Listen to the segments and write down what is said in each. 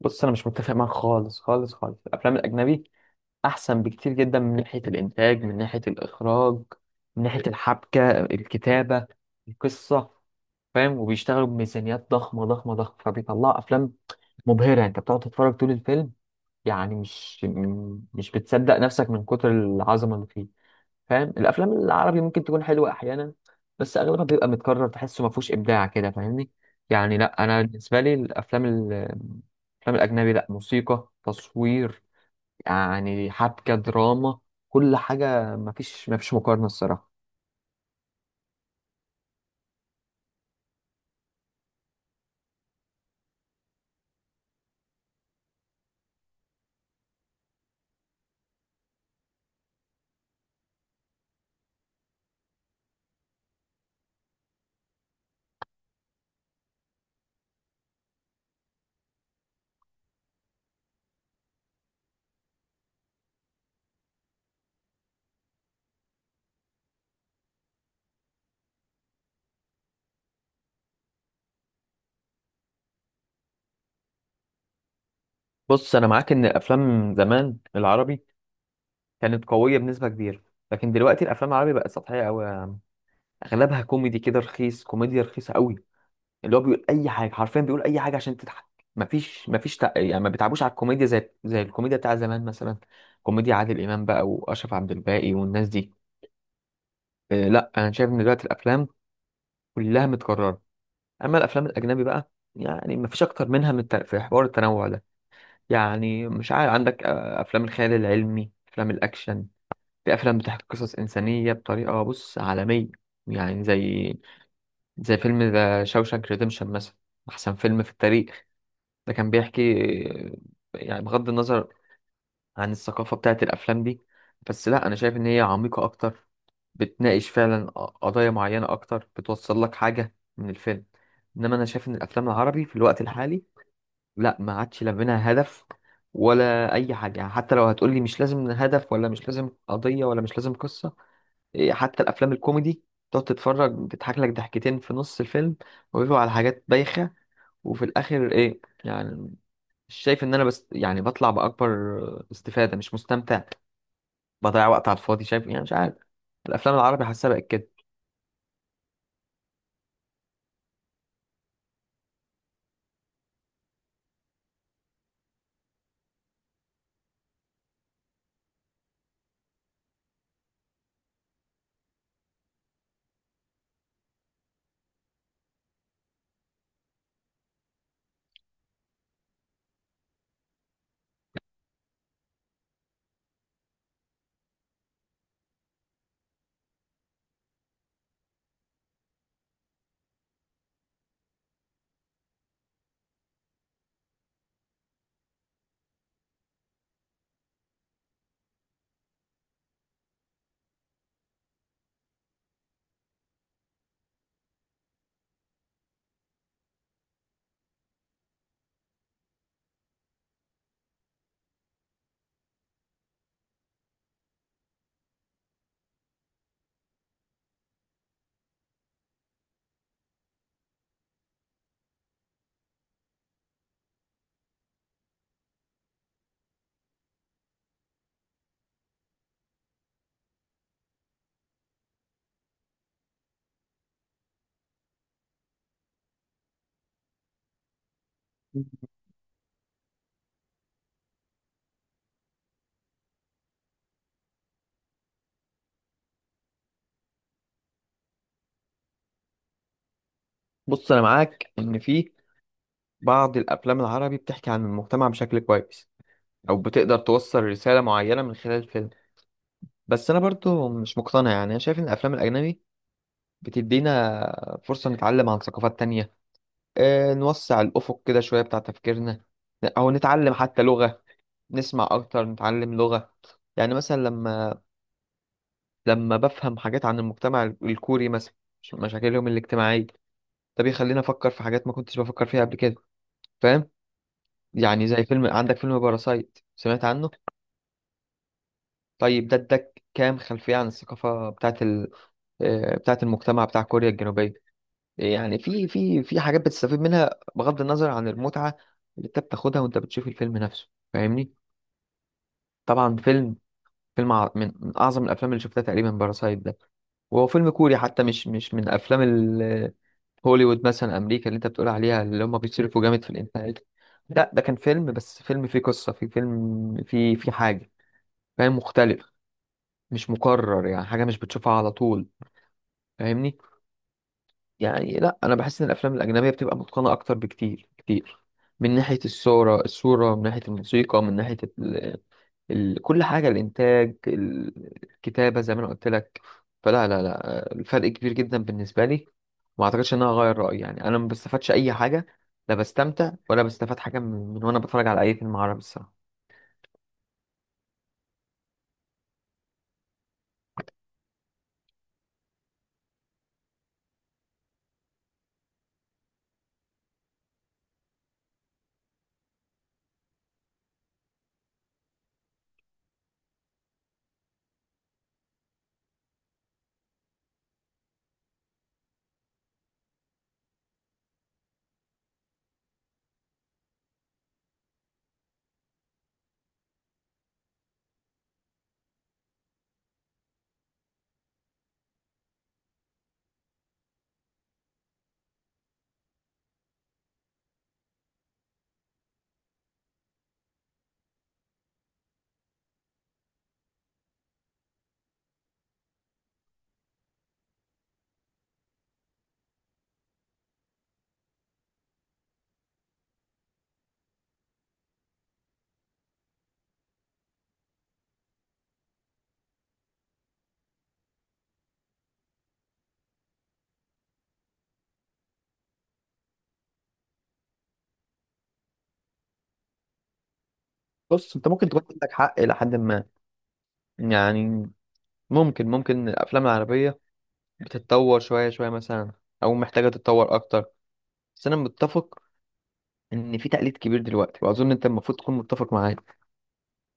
بص، انا مش متفق معاك خالص خالص خالص. الافلام الاجنبي احسن بكتير جدا، من ناحيه الانتاج، من ناحيه الاخراج، من ناحيه الحبكه، الكتابه، القصه. فاهم؟ وبيشتغلوا بميزانيات ضخمه ضخمه ضخمه، فبيطلعوا افلام مبهره. انت بتقعد تتفرج طول الفيلم، يعني مش بتصدق نفسك من كتر العظمه اللي فيه. فاهم؟ الافلام العربي ممكن تكون حلوه احيانا، بس اغلبها بيبقى متكرر، تحسه ما فيهوش ابداع كده. فاهمني؟ يعني لا، انا بالنسبه لي الافلام الافلام الاجنبي، لا موسيقى تصوير، يعني حبكه، دراما، كل حاجه. ما فيش مقارنه الصراحه. بص، انا معاك ان الافلام زمان العربي كانت قويه بنسبه كبيره، لكن دلوقتي الافلام العربي بقت سطحيه قوي. اغلبها كوميدي كده رخيص، كوميديا رخيصه قوي، اللي هو بيقول اي حاجه، حرفيا بيقول اي حاجه عشان تضحك. يعني ما بيتعبوش على الكوميديا زي الكوميديا بتاع زمان مثلا، كوميديا عادل امام بقى، واشرف عبد الباقي، والناس دي. آه لا، انا شايف ان دلوقتي الافلام كلها متكرره. اما الافلام الاجنبي بقى، يعني مفيش اكتر منها في حوار التنوع ده، يعني مش عارف، عندك افلام الخيال العلمي، افلام الاكشن، في افلام بتحكي قصص انسانيه بطريقه بص عالميه. يعني زي فيلم ذا شاوشانك ريديمشن مثلا، احسن فيلم في التاريخ. ده كان بيحكي، يعني بغض النظر عن الثقافة بتاعت الأفلام دي، بس لا، أنا شايف إن هي عميقة أكتر، بتناقش فعلا قضايا معينة أكتر، بتوصل لك حاجة من الفيلم. إنما أنا شايف إن الأفلام العربي في الوقت الحالي لا، ما عادش لا منها هدف ولا أي حاجة. يعني حتى لو هتقولي مش لازم هدف، ولا مش لازم قضية، ولا مش لازم قصة، إيه، حتى الأفلام الكوميدي تقعد تتفرج تضحك لك ضحكتين في نص الفيلم وبيبقوا على حاجات بايخة، وفي الآخر إيه يعني؟ شايف ان انا بس يعني بطلع باكبر استفاده، مش مستمتع، بضيع وقت على الفاضي. شايف؟ يعني مش عارف، الافلام العربي حاسها بقت كده. بص، انا معاك ان في بعض الافلام العربي بتحكي عن المجتمع بشكل كويس، او بتقدر توصل رساله معينه من خلال الفيلم، بس انا برضو مش مقتنع. يعني انا شايف ان الافلام الاجنبي بتدينا فرصه نتعلم عن ثقافات تانية، نوسع الافق كده شويه بتاع تفكيرنا، او نتعلم حتى لغه، نسمع اكتر، نتعلم لغه. يعني مثلا لما بفهم حاجات عن المجتمع الكوري مثلا، مشاكلهم الاجتماعية، ده بيخليني أفكر في حاجات ما كنتش بفكر فيها قبل كده. فاهم؟ يعني زي فيلم، عندك فيلم باراسايت، سمعت عنه؟ طيب، ده اداك كام خلفية عن الثقافة بتاعت ال... آه، بتاعت المجتمع بتاع كوريا الجنوبية. يعني في حاجات بتستفيد منها، بغض النظر عن المتعة اللي انت بتاخدها وانت بتشوف الفيلم نفسه. فاهمني؟ طبعا من أعظم الأفلام اللي شفتها تقريبا باراسايت ده، وهو فيلم كوري حتى، مش من أفلام هوليوود مثلا، امريكا اللي انت بتقول عليها اللي هم بيصرفوا جامد في الانتاج. لا، ده كان فيلم، بس فيلم فيه قصه، فيه فيلم فيه فيه حاجه. فاهم؟ مختلف، مش مكرر، يعني حاجه مش بتشوفها على طول. فاهمني؟ يعني لا، انا بحس ان الافلام الاجنبيه بتبقى متقنه اكتر بكتير كتير، من ناحيه الصوره، من ناحيه الموسيقى، من ناحيه كل حاجة، الإنتاج، الكتابة، زي ما أنا قلت لك. فلا لا لا، الفرق كبير جدا بالنسبة لي. ما أعتقدش إن أنا هغير رأيي. يعني أنا ما بستفادش أي حاجة، لا بستمتع ولا بستفاد حاجة من وأنا بتفرج على أي فيلم عربي الصراحة. بص، أنت ممكن تكون عندك حق إلى حد ما، يعني ممكن الأفلام العربية بتتطور شوية شوية مثلا، أو محتاجة تتطور أكتر، بس أنا متفق إن في تقليد كبير دلوقتي، وأظن أنت المفروض تكون متفق معايا.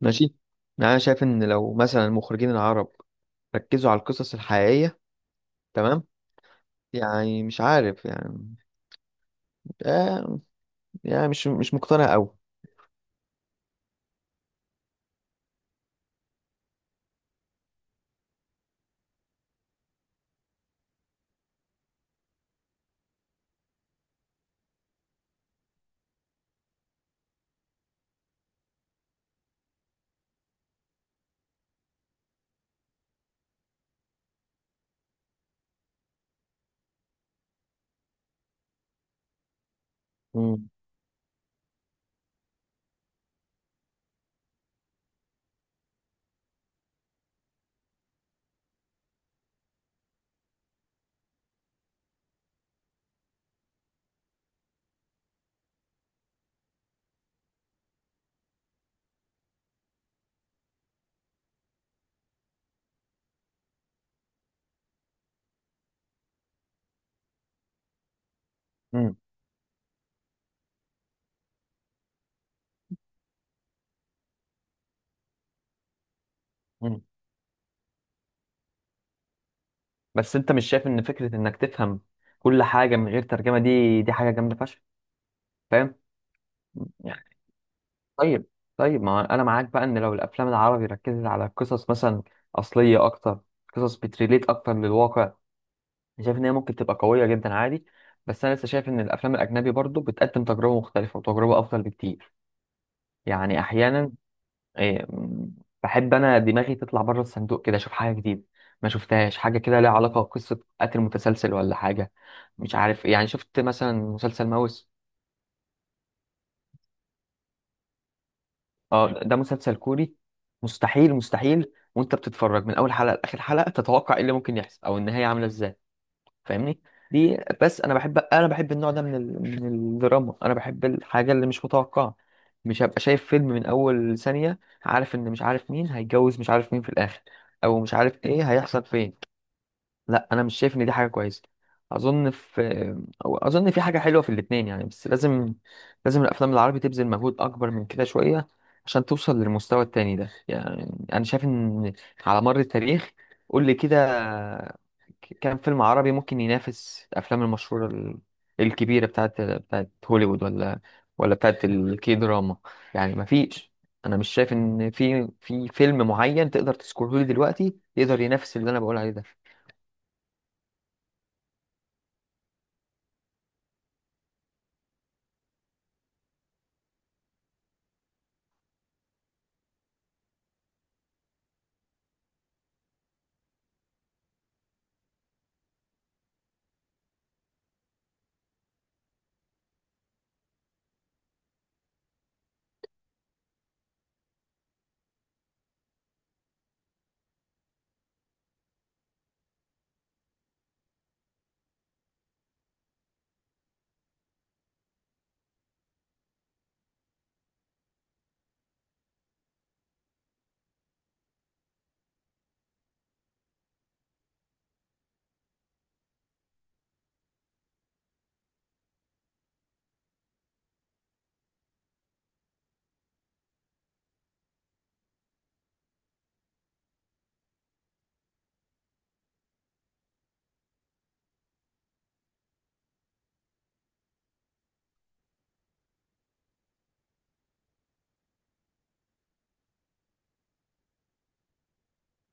ماشي؟ يعني انا شايف ان لو مثلا المخرجين العرب ركزوا على القصص الحقيقية، تمام، يعني مش عارف يعني. آه، يعني مش مقتنع قوي. مم. مم. مم. بس انت مش شايف ان فكرة انك تفهم كل حاجة من غير ترجمة، دي حاجة جامدة فشخ؟ فاهم؟ يعني طيب، طيب، ما انا معاك بقى ان لو الافلام العربي ركزت على قصص مثلا اصلية اكتر، قصص بتريليت اكتر للواقع، أنا شايف ان هي ممكن تبقى قويه جدا عادي. بس انا لسه شايف ان الافلام الاجنبي برضو بتقدم تجربه مختلفه وتجربه افضل بكتير، يعني احيانا، إيه، م، بحب انا دماغي تطلع بره الصندوق كده، اشوف حاجه جديده ما شفتهاش، حاجه كده ليها علاقه بقصه قتل متسلسل ولا حاجه، مش عارف إيه. يعني شفت مثلا مسلسل ماوس؟ اه، ده مسلسل كوري. مستحيل مستحيل وانت بتتفرج من اول حلقه لاخر حلقه تتوقع ايه اللي ممكن يحصل او النهايه عامله ازاي. فاهمني؟ دي، بس انا بحب، انا بحب النوع ده من من الدراما. انا بحب الحاجه اللي مش متوقعه، مش هبقى شايف فيلم من اول ثانيه عارف ان، مش عارف مين هيتجوز، مش عارف مين في الاخر، او مش عارف ايه هيحصل فين. لا، انا مش شايف ان دي حاجه كويسه. اظن في، أو اظن في حاجه حلوه في الاتنين يعني، بس لازم، لازم الافلام العربي تبذل مجهود اكبر من كده شويه عشان توصل للمستوى التاني ده. يعني انا شايف ان على مر التاريخ، قول لي كده، كام فيلم عربي ممكن ينافس الافلام المشهوره الكبيره بتاعت هوليوود، ولا، ولا بتاعت الكي دراما؟ يعني ما فيش. انا مش شايف ان في فيلم معين تقدر تذكره لي دلوقتي يقدر ينافس اللي انا بقول عليه ده.